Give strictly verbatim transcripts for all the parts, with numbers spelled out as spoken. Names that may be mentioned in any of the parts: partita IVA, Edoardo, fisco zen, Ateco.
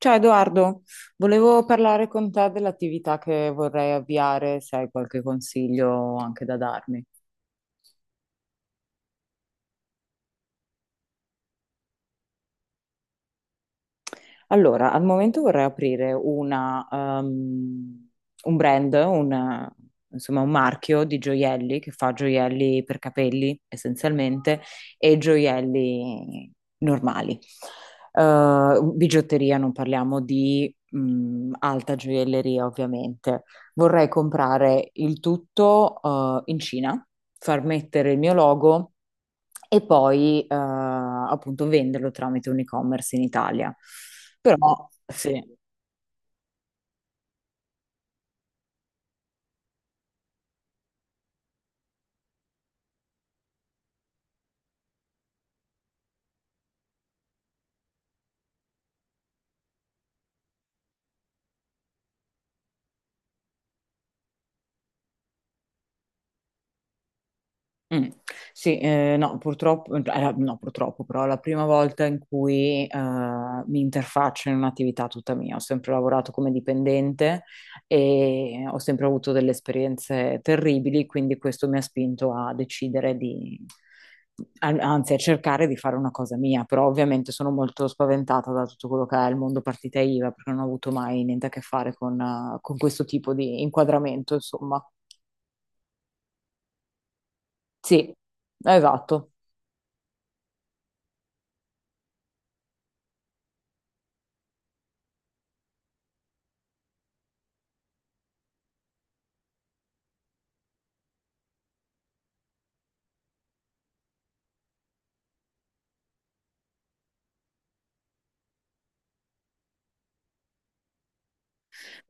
Ciao Edoardo, volevo parlare con te dell'attività che vorrei avviare, se hai qualche consiglio anche da darmi. Allora, al momento vorrei aprire una, ehm, un brand, un, insomma un marchio di gioielli che fa gioielli per capelli essenzialmente e gioielli normali. Eh, bigiotteria, non parliamo di, mh, alta gioielleria ovviamente. Vorrei comprare il tutto eh, in Cina, far mettere il mio logo e poi eh, appunto venderlo tramite un e-commerce in Italia. Però sì. Mm. Sì, eh, no, purtroppo, eh, allora, no, purtroppo, però è la prima volta in cui eh, mi interfaccio in un'attività tutta mia. Ho sempre lavorato come dipendente e ho sempre avuto delle esperienze terribili, quindi questo mi ha spinto a decidere di, an- anzi, a cercare di fare una cosa mia. Però ovviamente sono molto spaventata da tutto quello che è il mondo partita I V A, perché non ho avuto mai niente a che fare con eh, con questo tipo di inquadramento, insomma. Sì, esatto.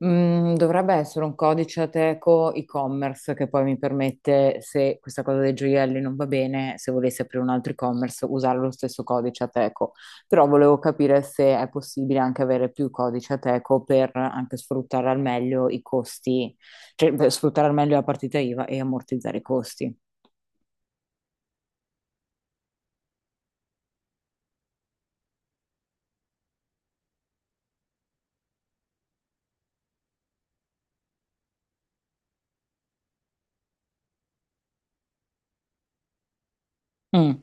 Mm, dovrebbe essere un codice Ateco e-commerce che poi mi permette, se questa cosa dei gioielli non va bene, se volessi aprire un altro e-commerce, usare lo stesso codice Ateco. Però volevo capire se è possibile anche avere più codice Ateco per anche sfruttare al meglio i costi, cioè per sfruttare al meglio la partita I V A e ammortizzare i costi. Mm.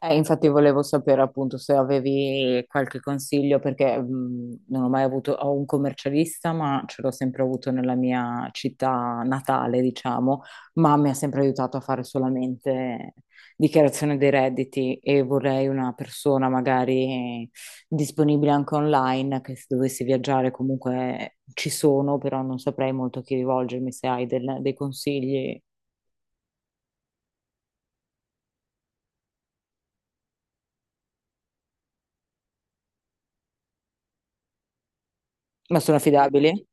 Eh, infatti volevo sapere appunto se avevi qualche consiglio perché mh, non ho mai avuto, ho un commercialista, ma ce l'ho sempre avuto nella mia città natale, diciamo, ma mi ha sempre aiutato a fare solamente dichiarazione dei redditi e vorrei una persona magari disponibile anche online, che se dovessi viaggiare comunque ci sono, però non saprei molto a chi rivolgermi se hai del- dei consigli, ma sono affidabili?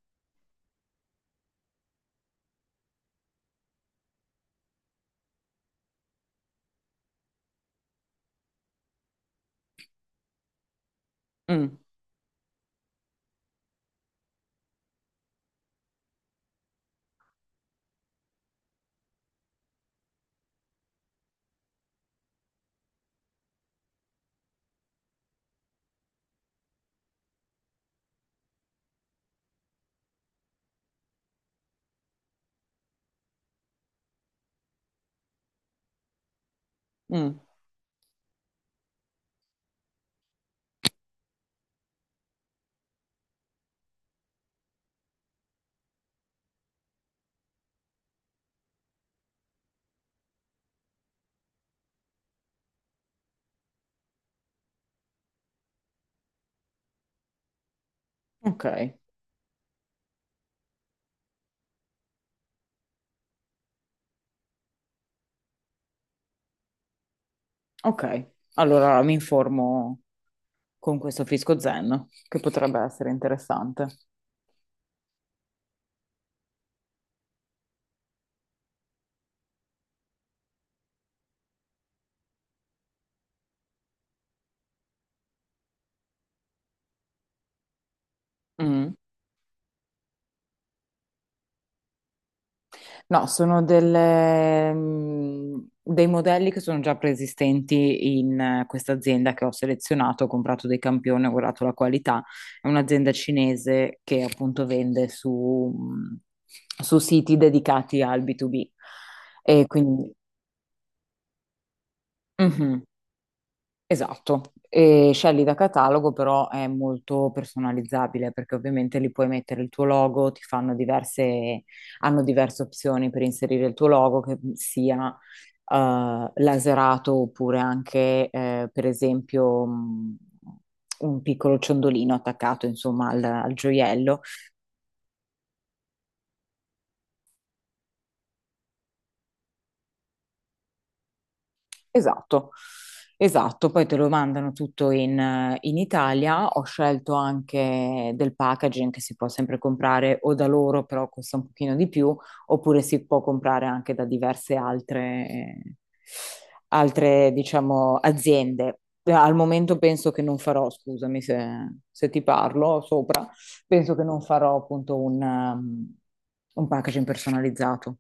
Mm, mm, ok. Ok, allora mi informo con questo fisco zen, che potrebbe essere interessante. Mm. No, sono delle, mm, dei modelli che sono già preesistenti in eh, questa azienda che ho selezionato, ho comprato dei campioni, ho guardato la qualità. È un'azienda cinese che appunto vende su, mm, su siti dedicati al B due B. E quindi, mhm. Esatto, e scegli da catalogo però è molto personalizzabile perché ovviamente lì puoi mettere il tuo logo, ti fanno diverse, hanno diverse opzioni per inserire il tuo logo che sia eh, laserato oppure anche eh, per esempio mh, un piccolo ciondolino attaccato insomma al, al gioiello. Esatto, esatto, poi te lo mandano tutto in, eh, in Italia. Ho scelto anche del packaging che si può sempre comprare o da loro, però costa un pochino di più, oppure si può comprare anche da diverse altre, eh, altre, diciamo, aziende. Eh, Al momento penso che non farò, scusami se, se ti parlo sopra, penso che non farò appunto un, um, un packaging personalizzato.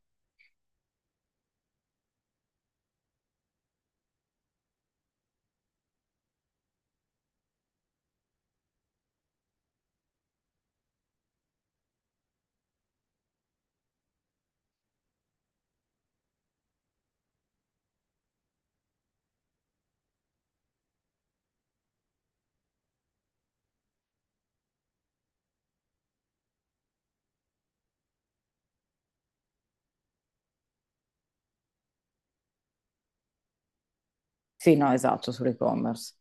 Sì, no, esatto, sull'e-commerce.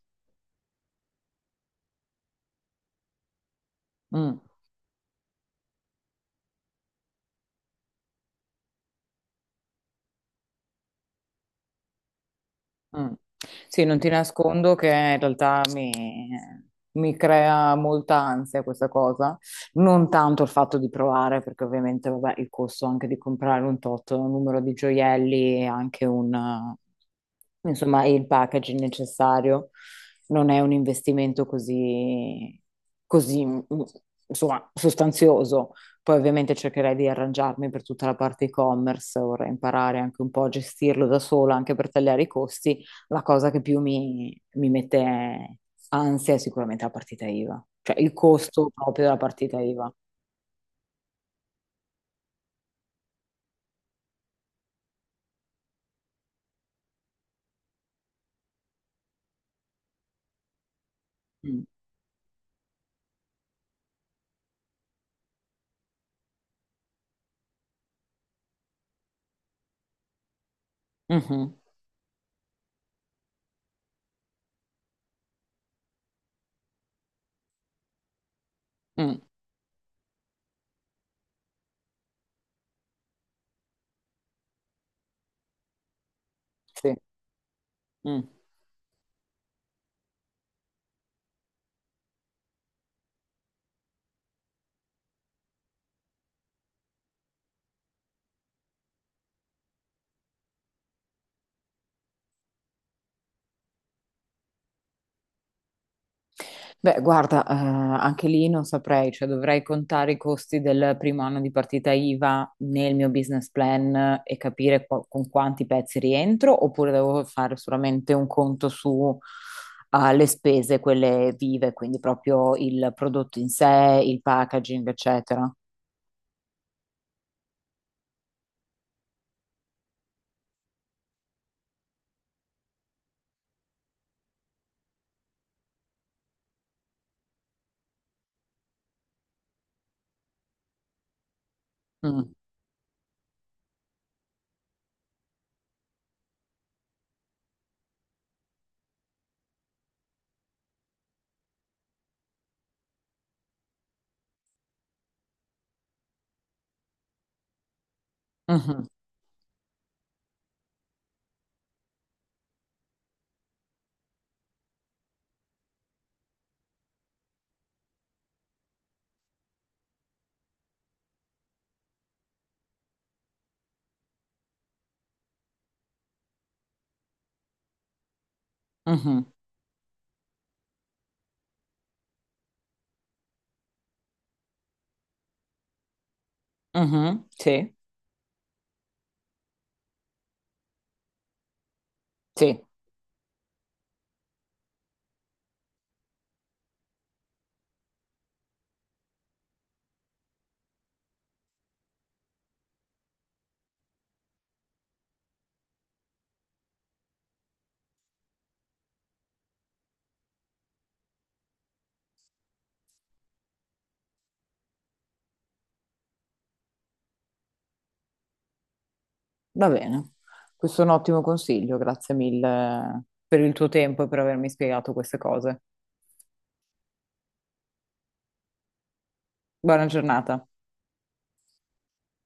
Mm. Mm. Sì, non ti nascondo che in realtà mi, mi crea molta ansia questa cosa, non tanto il fatto di provare, perché ovviamente vabbè, il costo anche di comprare un tot numero di gioielli e anche un, eh, insomma, il packaging necessario non è un investimento così, così, mm, insomma, sostanzioso. Poi ovviamente cercherei di arrangiarmi per tutta la parte e-commerce, vorrei imparare anche un po' a gestirlo da sola, anche per tagliare i costi. La cosa che più mi, mi mette ansia è sicuramente la partita I V A, cioè il costo proprio della partita I V A. Mm. Mhm. Mm. Sì. Mm. Beh, guarda, eh, anche lì non saprei, cioè dovrei contare i costi del primo anno di partita I V A nel mio business plan e capire qua- con quanti pezzi rientro, oppure devo fare solamente un conto su eh, le spese, quelle vive, quindi proprio il prodotto in sé, il packaging, eccetera. Mm. Mhm. Mhm, mhm, sì, sì, va bene. Questo è un ottimo consiglio, grazie mille per il tuo tempo e per avermi spiegato queste cose. Buona giornata.